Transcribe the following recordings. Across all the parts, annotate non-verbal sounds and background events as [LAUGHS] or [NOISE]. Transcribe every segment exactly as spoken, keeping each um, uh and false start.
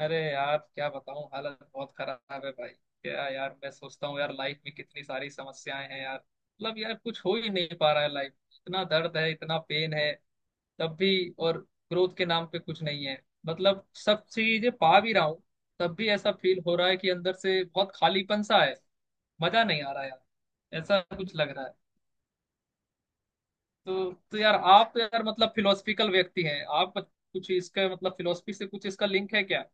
अरे यार क्या बताऊं, हालत बहुत खराब है भाई। क्या यार, मैं सोचता हूँ यार, लाइफ में कितनी सारी समस्याएं हैं यार। मतलब यार कुछ हो ही नहीं पा रहा है। लाइफ इतना दर्द है, इतना पेन है। तब भी। और ग्रोथ के नाम पे कुछ नहीं है। मतलब सब चीजें पा भी रहा हूँ तब भी ऐसा फील हो रहा है कि अंदर से बहुत खालीपन सा है। मजा नहीं आ रहा यार, ऐसा कुछ लग रहा है। तो तो यार आप यार मतलब फिलोसफिकल व्यक्ति हैं, आप कुछ इसके मतलब फिलोसफी से कुछ इसका लिंक है क्या?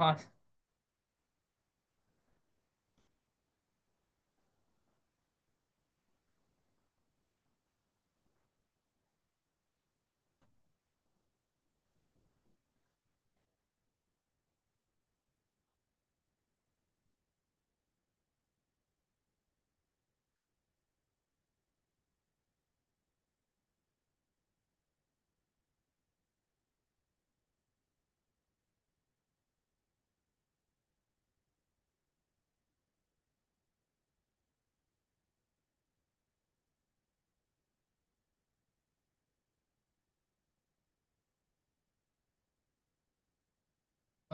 हाँ।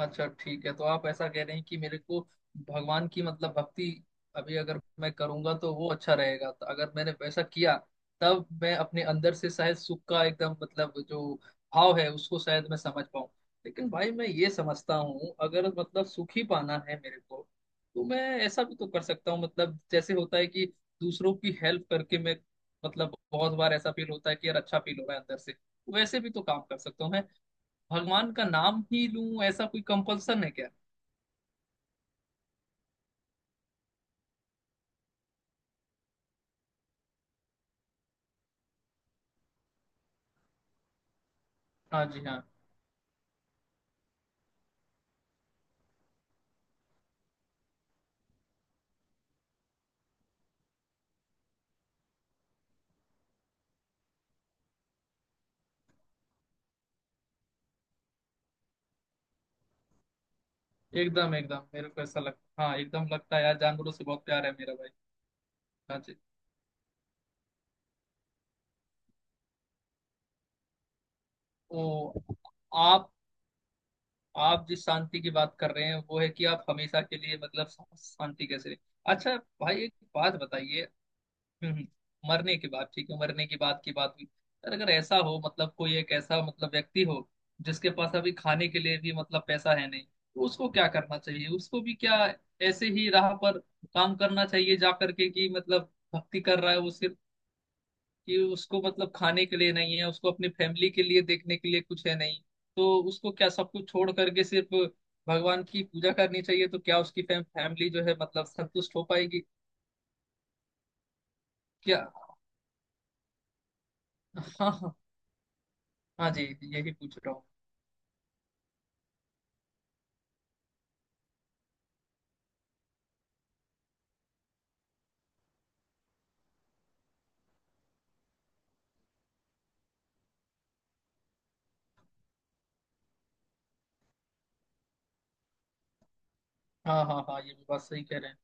अच्छा ठीक है, तो आप ऐसा कह रहे हैं कि मेरे को भगवान की मतलब भक्ति अभी अगर मैं करूंगा तो वो अच्छा रहेगा। तो अगर मैंने वैसा किया तब मैं अपने अंदर से शायद सुख का एकदम मतलब जो भाव है उसको शायद मैं समझ पाऊं। लेकिन भाई मैं ये समझता हूँ, अगर मतलब सुख ही पाना है मेरे को तो मैं ऐसा भी तो कर सकता हूँ। मतलब जैसे होता है कि दूसरों की हेल्प करके मैं मतलब बहुत बार ऐसा फील होता है कि यार अच्छा फील हो रहा है अंदर से। वैसे भी तो काम कर सकता हूँ। भगवान का नाम ही लूं ऐसा कोई कंपल्सन है क्या? हाँ जी हाँ। एकदम एकदम मेरे को ऐसा लगता, हाँ एकदम लगता है यार, जानवरों से बहुत प्यार है मेरा भाई। हाँ जी। ओ आप आप जिस शांति की बात कर रहे हैं वो है कि आप हमेशा के लिए मतलब शांति कैसे रहे। अच्छा। भाई एक बात बताइए। हम्म, हम्म। मरने के बाद ठीक है, मरने के बाद की बात हुई। यार अगर ऐसा हो मतलब कोई एक ऐसा मतलब व्यक्ति हो जिसके पास अभी खाने के लिए भी मतलब पैसा है नहीं तो उसको क्या करना चाहिए? उसको भी क्या ऐसे ही राह पर काम करना चाहिए जा करके कि मतलब भक्ति कर रहा है वो सिर्फ, कि उसको मतलब खाने के लिए नहीं है, उसको अपनी फैमिली के लिए देखने के लिए कुछ है नहीं। तो उसको क्या सब कुछ छोड़ करके सिर्फ भगवान की पूजा करनी चाहिए? तो क्या उसकी फैमिली जो है मतलब संतुष्ट हो पाएगी? क्या? [LAUGHS] हाँ हाँ हाँ। हाँ जी, यही पूछ रहा हूँ। हाँ हाँ हाँ, ये भी बात सही कह रहे हैं।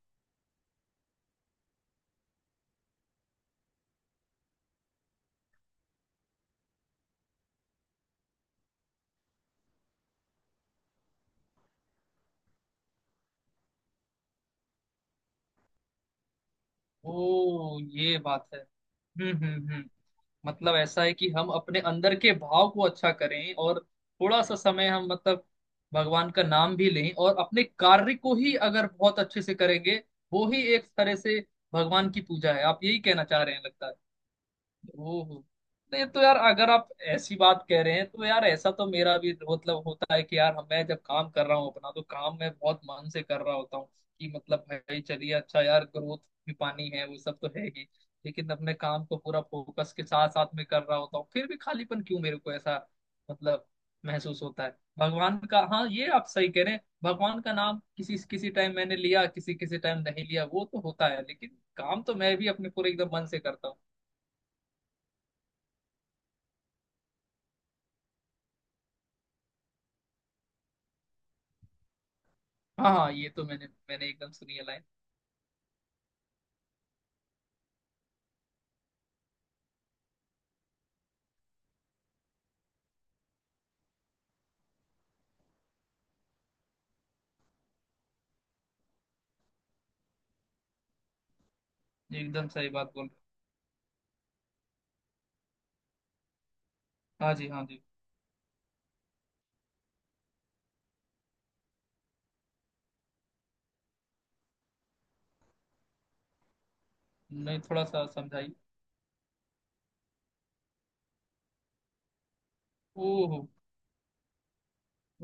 ओ ये बात है। हम्म हम्म हम्म। मतलब ऐसा है कि हम अपने अंदर के भाव को अच्छा करें और थोड़ा सा समय हम मतलब भगवान का नाम भी लें और अपने कार्य को ही अगर बहुत अच्छे से करेंगे वो ही एक तरह से भगवान की पूजा है। आप यही कहना चाह रहे हैं लगता है। ओह। नहीं तो यार अगर आप ऐसी बात कह रहे हैं तो यार ऐसा तो मेरा भी मतलब होता है कि यार हम- मैं जब काम कर रहा हूँ अपना तो काम मैं बहुत मन से कर रहा होता हूँ कि मतलब भाई चलिए अच्छा यार ग्रोथ भी पानी है वो सब तो है ही। लेकिन अपने काम को पूरा फोकस के साथ साथ में कर रहा होता हूँ फिर भी खालीपन क्यों मेरे को ऐसा मतलब महसूस होता है? भगवान का, हाँ ये आप सही कह रहे हैं। भगवान का नाम किसी किसी टाइम मैंने लिया, किसी किसी टाइम नहीं लिया, वो तो होता है, लेकिन काम तो मैं भी अपने पूरे एकदम मन से करता हूँ। हाँ हाँ, ये तो मैंने मैंने एकदम सुनी है लाइन। ये एकदम सही बात बोल रहे हो। हाँ जी हाँ जी। नहीं थोड़ा सा समझाइए। ओहो।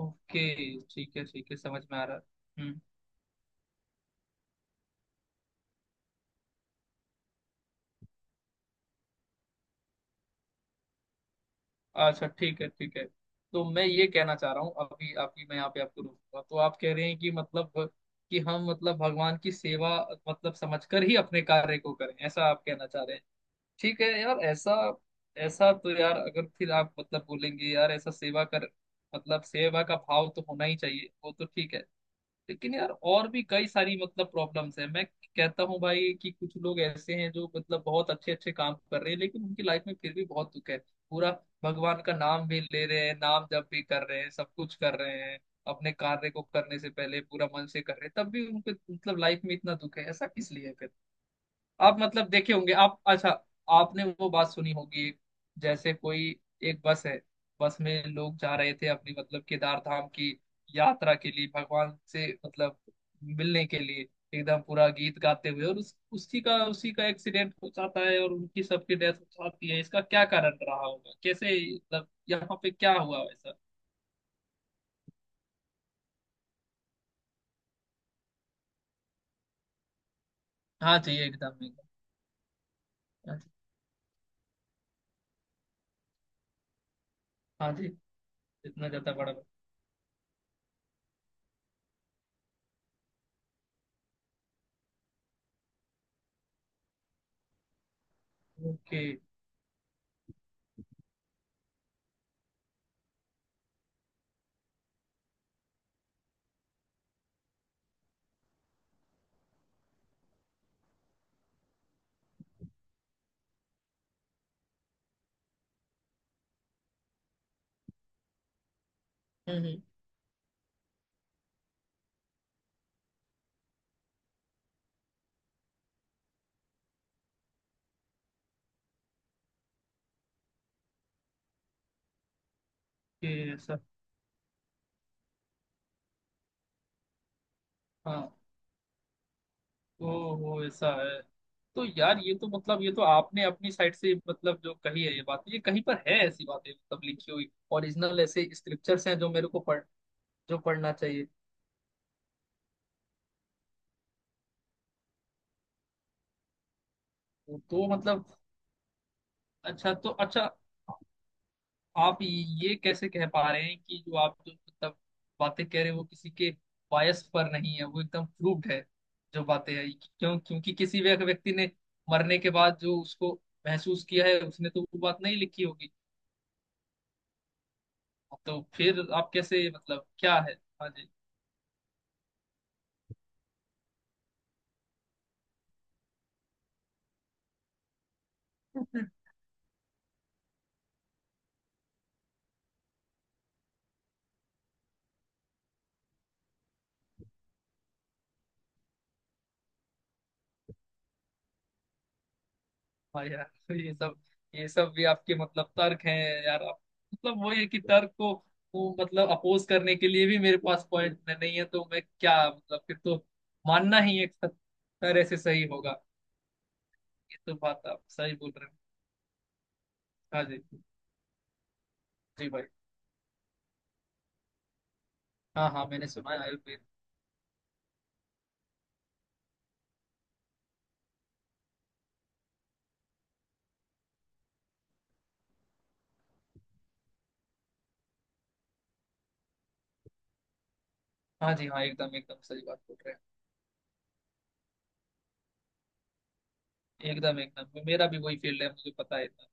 ओके ठीक है ठीक है, समझ में आ रहा है। हम्म। अच्छा ठीक है ठीक है। तो मैं ये कहना चाह रहा हूँ, अभी आपकी मैं यहाँ पे आपको रोकूंगा। तो आप कह रहे हैं कि मतलब कि हम मतलब भगवान की सेवा मतलब समझकर ही अपने कार्य को करें, ऐसा आप कहना चाह रहे हैं। ठीक है यार। ऐसा ऐसा तो यार अगर फिर आप मतलब बोलेंगे यार ऐसा सेवा कर, मतलब सेवा का भाव तो होना ही चाहिए, वो तो ठीक है। लेकिन यार और भी कई सारी मतलब प्रॉब्लम्स हैं। मैं कहता हूँ भाई कि कुछ लोग ऐसे हैं जो मतलब बहुत अच्छे अच्छे काम कर रहे हैं लेकिन उनकी लाइफ में फिर भी बहुत दुख है पूरा। भगवान का नाम भी ले रहे हैं, नाम जप भी कर रहे हैं, सब कुछ कर रहे हैं, अपने कार्य को करने से पहले पूरा मन से कर रहे हैं, तब भी उनको मतलब लाइफ में इतना दुख है, ऐसा किस लिए है फिर? आप मतलब देखे होंगे। आप अच्छा, आपने वो बात सुनी होगी। जैसे कोई एक बस है, बस में लोग जा रहे थे अपनी मतलब केदार धाम की यात्रा के लिए, भगवान से मतलब मिलने के लिए, एकदम पूरा गीत गाते हुए, और उस उसी का उसी का एक्सीडेंट हो जाता है और उनकी सबकी डेथ हो जाती है। इसका क्या कारण रहा होगा, कैसे मतलब यहाँ पे क्या हुआ वैसा? हाँ जी एकदम एकदम। हाँ जी हाँ जी, इतना ज्यादा बड़ा। Okay. Hmm hmm, okay sir. हाँ। ओ ऐसा है। तो यार ये तो मतलब ये तो आपने अपनी साइड से मतलब जो कही है ये बात, ये कहीं पर है? ऐसी बातें मतलब लिखी हुई ओरिजिनल ऐसे स्क्रिप्चर्स हैं जो मेरे को पढ़ जो पढ़ना चाहिए? तो, तो मतलब अच्छा, तो अच्छा आप ये कैसे कह पा रहे हैं कि जो आप जो मतलब बातें कह रहे हो वो किसी के बायस पर नहीं है, वो एकदम प्रूव्ड है जो बातें है? क्यों? क्योंकि किसी व्यक्ति ने मरने के बाद जो उसको महसूस किया है उसने तो वो बात नहीं लिखी होगी, तो फिर आप कैसे मतलब क्या है? हाँ जी। हाँ यार, तो ये सब ये सब भी आपके मतलब तर्क हैं यार। आप मतलब वही है कि तर्क को को मतलब अपोज करने के लिए भी मेरे पास पॉइंट नहीं है, तो मैं क्या मतलब फिर तो मानना ही एक तरह से सही होगा। ये तो बात आप सही बोल रहे हो। हाँ जी। जी भाई, हाँ हाँ मैंने सुना है आयुर्वेद। हाँ जी हाँ एकदम एकदम सही बात बोल रहे हैं। एकदम एकदम मेरा भी वही फील्ड है, मुझे पता है इतना।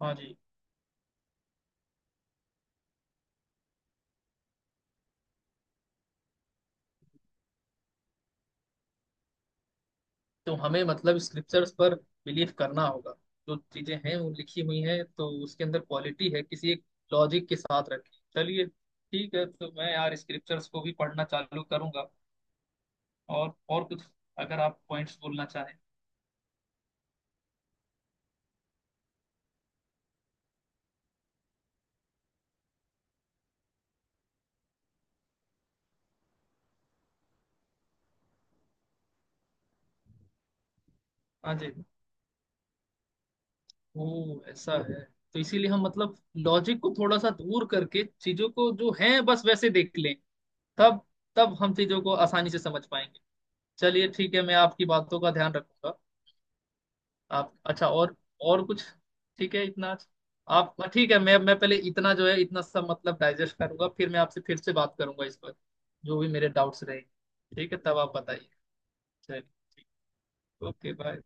हाँ जी। तो हमें मतलब स्क्रिप्चर्स पर बिलीव करना होगा, जो चीजें हैं वो लिखी हुई हैं तो उसके अंदर क्वालिटी है किसी एक लॉजिक के साथ रखी। चलिए ठीक है, तो मैं यार स्क्रिप्चर्स को भी पढ़ना चालू करूंगा। और और कुछ अगर आप पॉइंट्स बोलना चाहें? हाँ जी। वो ऐसा है, तो इसीलिए हम मतलब लॉजिक को थोड़ा सा दूर करके चीजों को जो है बस वैसे देख लें तब तब हम चीजों को आसानी से समझ पाएंगे। चलिए ठीक है, मैं आपकी बातों का ध्यान रखूंगा। आप अच्छा, और और कुछ? ठीक है इतना अच्छा। आप हाँ, ठीक है। मैं मैं पहले इतना जो है इतना सब मतलब डाइजेस्ट करूंगा फिर मैं आपसे फिर से बात करूंगा इस पर जो भी मेरे डाउट्स रहेंगे। ठीक है तब आप बताइए। चलिए ओके बाय।